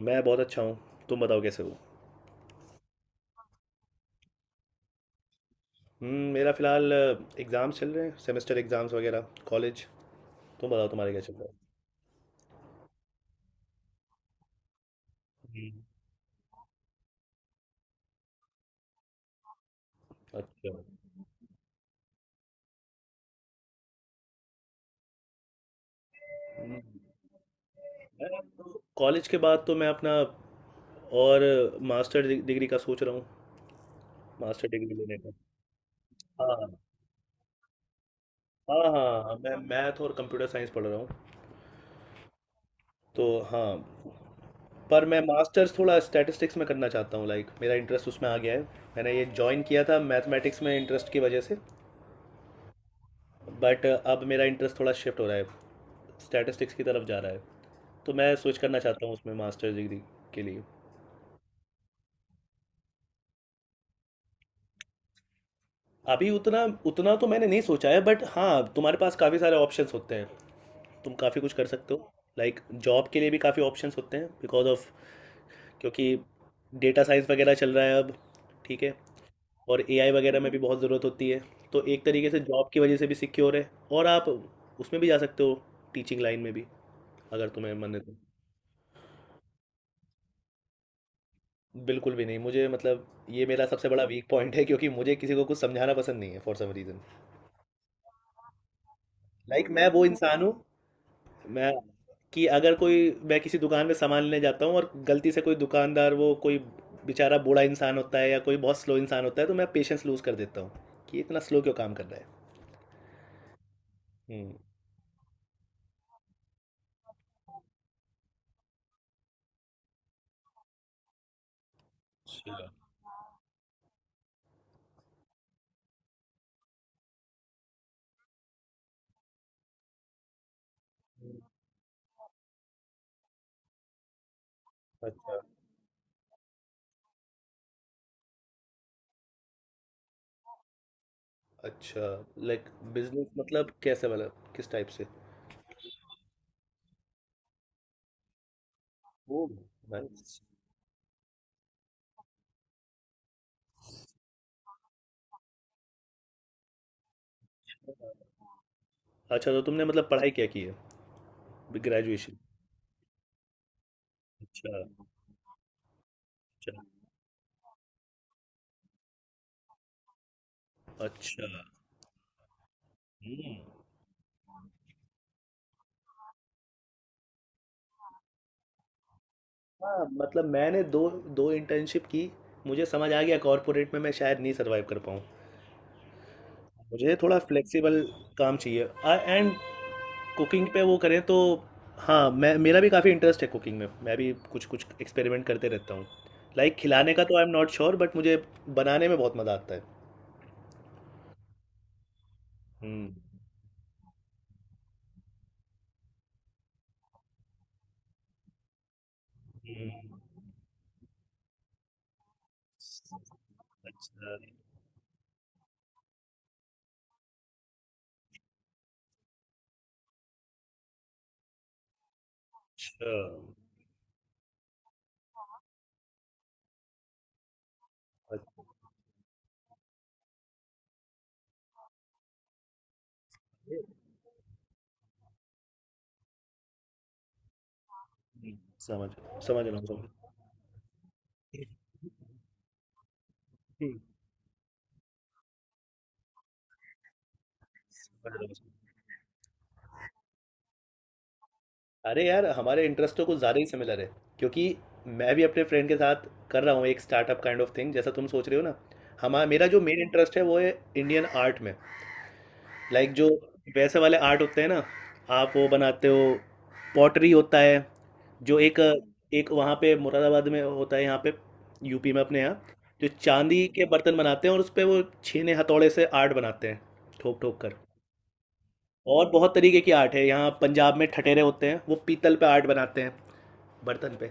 मैं बहुत अच्छा हूँ। तुम बताओ कैसे हो। मेरा फ़िलहाल एग्ज़ाम्स चल रहे हैं, सेमेस्टर एग्ज़ाम्स वगैरह कॉलेज। तुम बताओ तुम्हारे क्या चल रहा है। हम्म, अच्छा। हम्म, मैं तो कॉलेज के बाद तो मैं अपना और मास्टर डिग्री का सोच रहा हूँ, मास्टर डिग्री लेने का। हाँ। हाँ हाँ हाँ, मैं मैथ और कंप्यूटर साइंस पढ़ रहा हूँ। तो हाँ, पर मैं मास्टर्स थोड़ा स्टैटिस्टिक्स में करना चाहता हूँ, लाइक मेरा इंटरेस्ट उसमें आ गया है। मैंने ये ज्वाइन किया था मैथमेटिक्स में इंटरेस्ट की वजह से, बट अब मेरा इंटरेस्ट थोड़ा शिफ्ट हो रहा है, स्टैटिस्टिक्स की तरफ जा रहा है। तो मैं स्विच करना चाहता हूँ उसमें मास्टर्स डिग्री के लिए। अभी उतना उतना तो मैंने नहीं सोचा है, बट हाँ, तुम्हारे पास काफ़ी सारे ऑप्शंस होते हैं, तुम काफ़ी कुछ कर सकते हो। लाइक जॉब के लिए भी काफ़ी ऑप्शंस होते हैं बिकॉज ऑफ क्योंकि डेटा साइंस वगैरह चल रहा है अब। ठीक है। और एआई वगैरह में भी बहुत ज़रूरत होती है। तो एक तरीके से जॉब की वजह से भी सिक्योर है, और आप उसमें भी जा सकते हो, टीचिंग लाइन में भी अगर तुम्हें मन है तो। बिल्कुल भी नहीं मुझे, मतलब ये मेरा सबसे बड़ा वीक पॉइंट है क्योंकि मुझे किसी को कुछ समझाना पसंद नहीं है फॉर सम रीज़न। लाइक मैं वो इंसान हूँ, मैं कि अगर कोई मैं किसी दुकान में सामान लेने जाता हूँ और गलती से कोई दुकानदार वो कोई बेचारा बूढ़ा इंसान होता है या कोई बहुत स्लो इंसान होता है, तो मैं पेशेंस लूज़ कर देता हूँ कि ये इतना स्लो क्यों काम कर रहा है। हम्म। अच्छा अच्छा। लाइक बिजनेस मतलब कैसे वाला, किस टाइप से। ओ। नाइस। अच्छा तो तुमने मतलब पढ़ाई क्या की है, ग्रेजुएशन। अच्छा। अच्छा। अच्छा। हाँ, मतलब मैंने दो दो इंटर्नशिप की, मुझे समझ आ गया कॉर्पोरेट में मैं शायद नहीं सरवाइव कर पाऊँ। मुझे थोड़ा फ्लेक्सिबल काम चाहिए, एंड कुकिंग पे वो करें तो। हाँ, मैं मेरा भी काफ़ी इंटरेस्ट है कुकिंग में, मैं भी कुछ कुछ एक्सपेरिमेंट करते रहता हूँ। लाइक खिलाने का तो I am not sure, but मुझे बनाने में बहुत मज़ा आता है। हम्म। हम्म, अच्छा। अच्छा। अच्छा, हम्म, समझ समझ रहा हूँ, समझ। हम्म, समझ रहा हूँ। अरे यार, हमारे इंटरेस्ट तो कुछ ज़्यादा ही सिमिलर है, क्योंकि मैं भी अपने फ्रेंड के साथ कर रहा हूँ एक स्टार्टअप काइंड ऑफ थिंग, जैसा तुम सोच रहे हो ना। हमारा मेरा जो मेन इंटरेस्ट है वो है इंडियन आर्ट में। लाइक जो वैसे वाले आर्ट होते हैं ना, आप वो बनाते हो। पॉटरी होता है, जो एक एक वहाँ पे मुरादाबाद में होता है, यहाँ पे यूपी में अपने यहाँ, जो चांदी के बर्तन बनाते हैं और उस पे वो छेने हथौड़े से आर्ट बनाते हैं, ठोक ठोक कर। और बहुत तरीके की आर्ट है, यहाँ पंजाब में ठठेरे होते हैं, वो पीतल पे आर्ट बनाते हैं, बर्तन पे।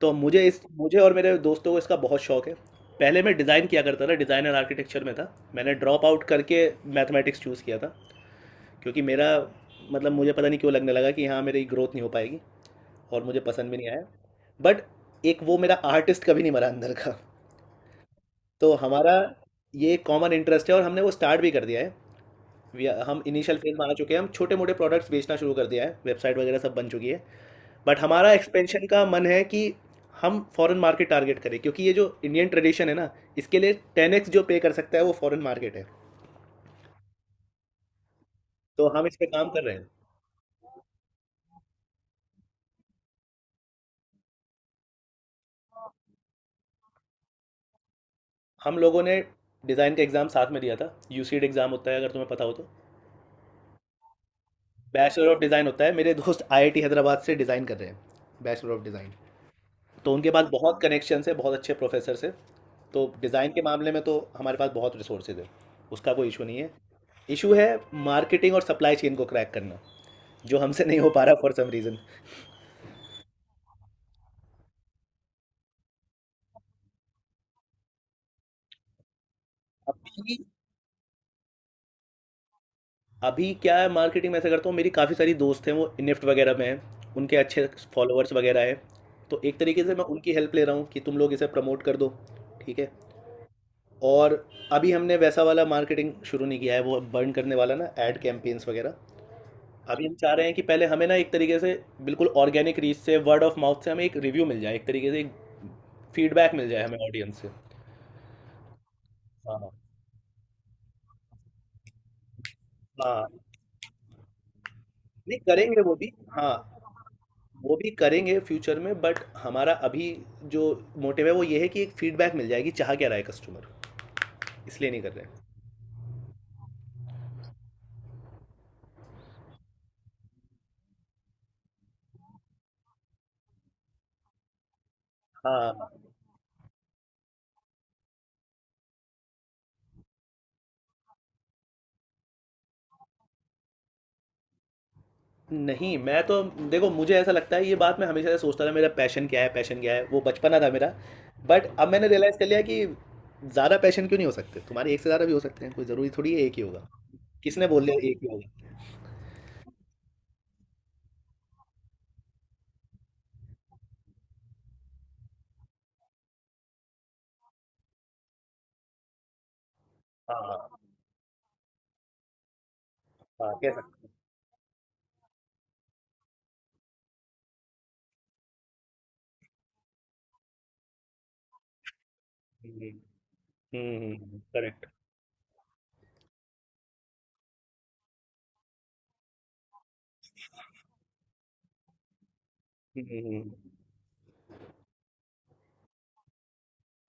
तो मुझे और मेरे दोस्तों को इसका बहुत शौक है। पहले मैं डिज़ाइन किया करता था, डिज़ाइन एंड आर्किटेक्चर में था। मैंने ड्रॉप आउट करके मैथमेटिक्स चूज़ किया था क्योंकि मेरा मतलब मुझे पता नहीं क्यों लगने लगा कि हाँ, मेरी ग्रोथ नहीं हो पाएगी और मुझे पसंद भी नहीं आया। बट एक वो मेरा आर्टिस्ट कभी नहीं मरा अंदर का। तो हमारा ये कॉमन इंटरेस्ट है और हमने वो स्टार्ट भी कर दिया है। हम इनिशियल फेज में आ चुके हैं, हम छोटे मोटे प्रोडक्ट्स बेचना शुरू कर दिया है, वेबसाइट वगैरह सब बन चुकी है। बट हमारा एक्सपेंशन का मन है कि हम फॉरेन मार्केट टारगेट करें, क्योंकि ये जो इंडियन ट्रेडिशन है ना, इसके लिए टेन एक्स जो पे कर सकता है वो फॉरेन मार्केट है। तो हम इस पे काम कर रहे हैं। हम लोगों ने डिज़ाइन का एग्ज़ाम साथ में दिया था, यू सी डी एग्ज़ाम होता है, अगर तुम्हें पता हो तो। बैचलर ऑफ डिज़ाइन होता है, मेरे दोस्त आई आई टी हैदराबाद से डिज़ाइन कर रहे हैं, बैचलर ऑफ डिज़ाइन। तो उनके पास बहुत कनेक्शन है, बहुत अच्छे प्रोफेसर से। तो डिज़ाइन के मामले में तो हमारे पास बहुत रिसोर्सेज है, उसका कोई इशू नहीं है। इशू है मार्केटिंग और सप्लाई चेन को क्रैक करना, जो हमसे नहीं हो पा रहा फॉर सम रीज़न। अभी अभी क्या है, मार्केटिंग में ऐसा करता हूँ, मेरी काफ़ी सारी दोस्त हैं, वो निफ्ट वगैरह में हैं। उनके अच्छे फॉलोअर्स वगैरह हैं। तो एक तरीके से मैं उनकी हेल्प ले रहा हूँ कि तुम लोग इसे प्रमोट कर दो, ठीक है? और अभी हमने वैसा वाला मार्केटिंग शुरू नहीं किया है, वो बर्न करने वाला ना, ऐड कैंपेन्स वगैरह। अभी हम चाह रहे हैं कि पहले हमें ना एक तरीके से बिल्कुल ऑर्गेनिक रीच से, वर्ड ऑफ माउथ से हमें एक रिव्यू मिल जाए, एक तरीके से एक फीडबैक मिल जाए हमें ऑडियंस से। हाँ, हाँ। नहीं, करेंगे वो भी। हाँ, वो भी करेंगे फ्यूचर में, बट हमारा अभी जो मोटिव है वो ये है कि एक फीडबैक मिल जाएगी चाह क्या रहा है कस्टमर, इसलिए नहीं कर रहे हैं। हाँ। नहीं, मैं तो देखो मुझे ऐसा लगता है, ये बात मैं हमेशा से सोचता था मेरा पैशन क्या है, पैशन क्या है, वो बचपना था मेरा। बट अब मैंने रियलाइज़ कर लिया कि ज़्यादा पैशन क्यों नहीं हो सकते, तुम्हारे एक से ज़्यादा भी हो सकते हैं, कोई ज़रूरी थोड़ी है एक ही होगा। किसने बोल दिया एक ही होगा। हाँ हाँ हाँ, कह सकते हैं। हम्म, करेक्ट। Correct. हम्म।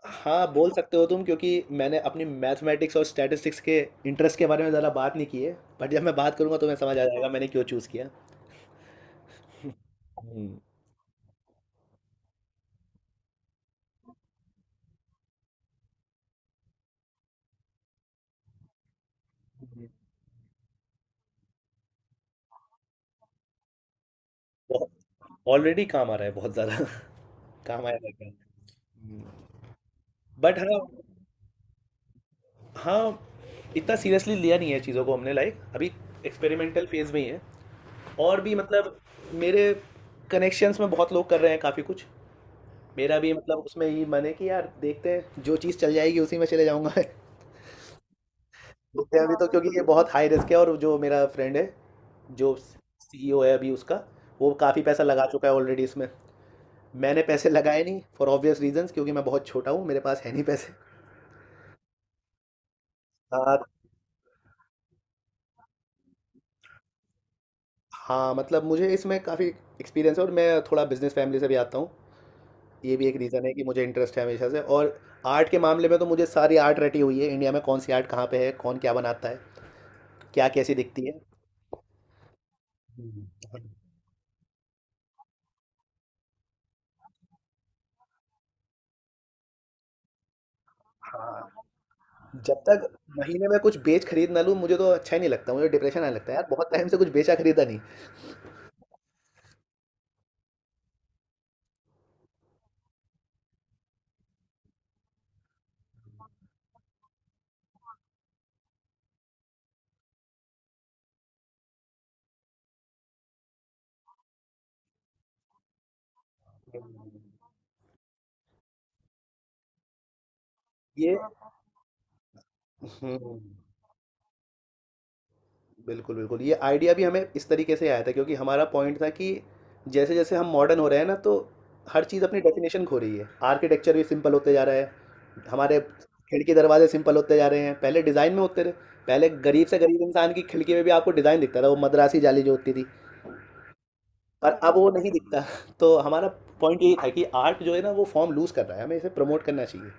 हाँ, बोल सकते हो तुम, क्योंकि मैंने अपनी मैथमेटिक्स और स्टैटिस्टिक्स के इंटरेस्ट के बारे में ज़्यादा बात नहीं की है। बट जब मैं बात करूंगा तो मैं समझ आ जाएगा मैंने क्यों चूज़ किया। हम्म। ऑलरेडी काम आ रहा है बहुत ज़्यादा काम आया रहता है। बट हाँ। हाँ, इतना सीरियसली लिया नहीं है चीज़ों को हमने, लाइक अभी एक्सपेरिमेंटल फेज में ही है। और भी मतलब मेरे कनेक्शंस में बहुत लोग कर रहे हैं काफ़ी कुछ, मेरा भी मतलब उसमें ही मन है कि यार देखते हैं जो चीज़ चल जाएगी उसी में चले जाऊंगा देखते हैं अभी तो, क्योंकि ये बहुत हाई रिस्क है। और जो मेरा फ्रेंड है, जो सीईओ है अभी उसका, वो काफ़ी पैसा लगा चुका है ऑलरेडी इसमें। मैंने पैसे लगाए नहीं फॉर ऑब्वियस रीजंस, क्योंकि मैं बहुत छोटा हूँ, मेरे पास है नहीं पैसे। हाँ। हाँ, मतलब मुझे इसमें काफ़ी एक्सपीरियंस है, और मैं थोड़ा बिजनेस फैमिली से भी आता हूँ, ये भी एक रीज़न है कि मुझे इंटरेस्ट है हमेशा से। और आर्ट के मामले में तो मुझे सारी आर्ट रटी हुई है, इंडिया में कौन सी आर्ट कहाँ पे है, कौन क्या बनाता है, क्या कैसी दिखती है। हम्म, हाँ, जब तक महीने में कुछ बेच खरीद ना लूँ मुझे तो अच्छा ही नहीं लगता, मुझे डिप्रेशन आने लगता है यार बहुत टाइम से कुछ बेचा खरीदा नहीं। ये। हम्म। बिल्कुल बिल्कुल, ये आइडिया भी हमें इस तरीके से आया था, क्योंकि हमारा पॉइंट था कि जैसे जैसे हम मॉडर्न हो रहे हैं ना, तो हर चीज़ अपनी डेफिनेशन खो रही है, आर्किटेक्चर भी सिंपल होते जा रहा है, हमारे खिड़की दरवाजे सिंपल होते जा रहे हैं, पहले डिज़ाइन में होते रहे। पहले गरीब से गरीब इंसान की खिड़की में भी आपको डिज़ाइन दिखता था, वो मद्रासी जाली जो होती थी। पर अब वो नहीं दिखता। तो हमारा पॉइंट यही था कि आर्ट जो है ना, वो फॉर्म लूज़ कर रहा है, हमें इसे प्रमोट करना चाहिए।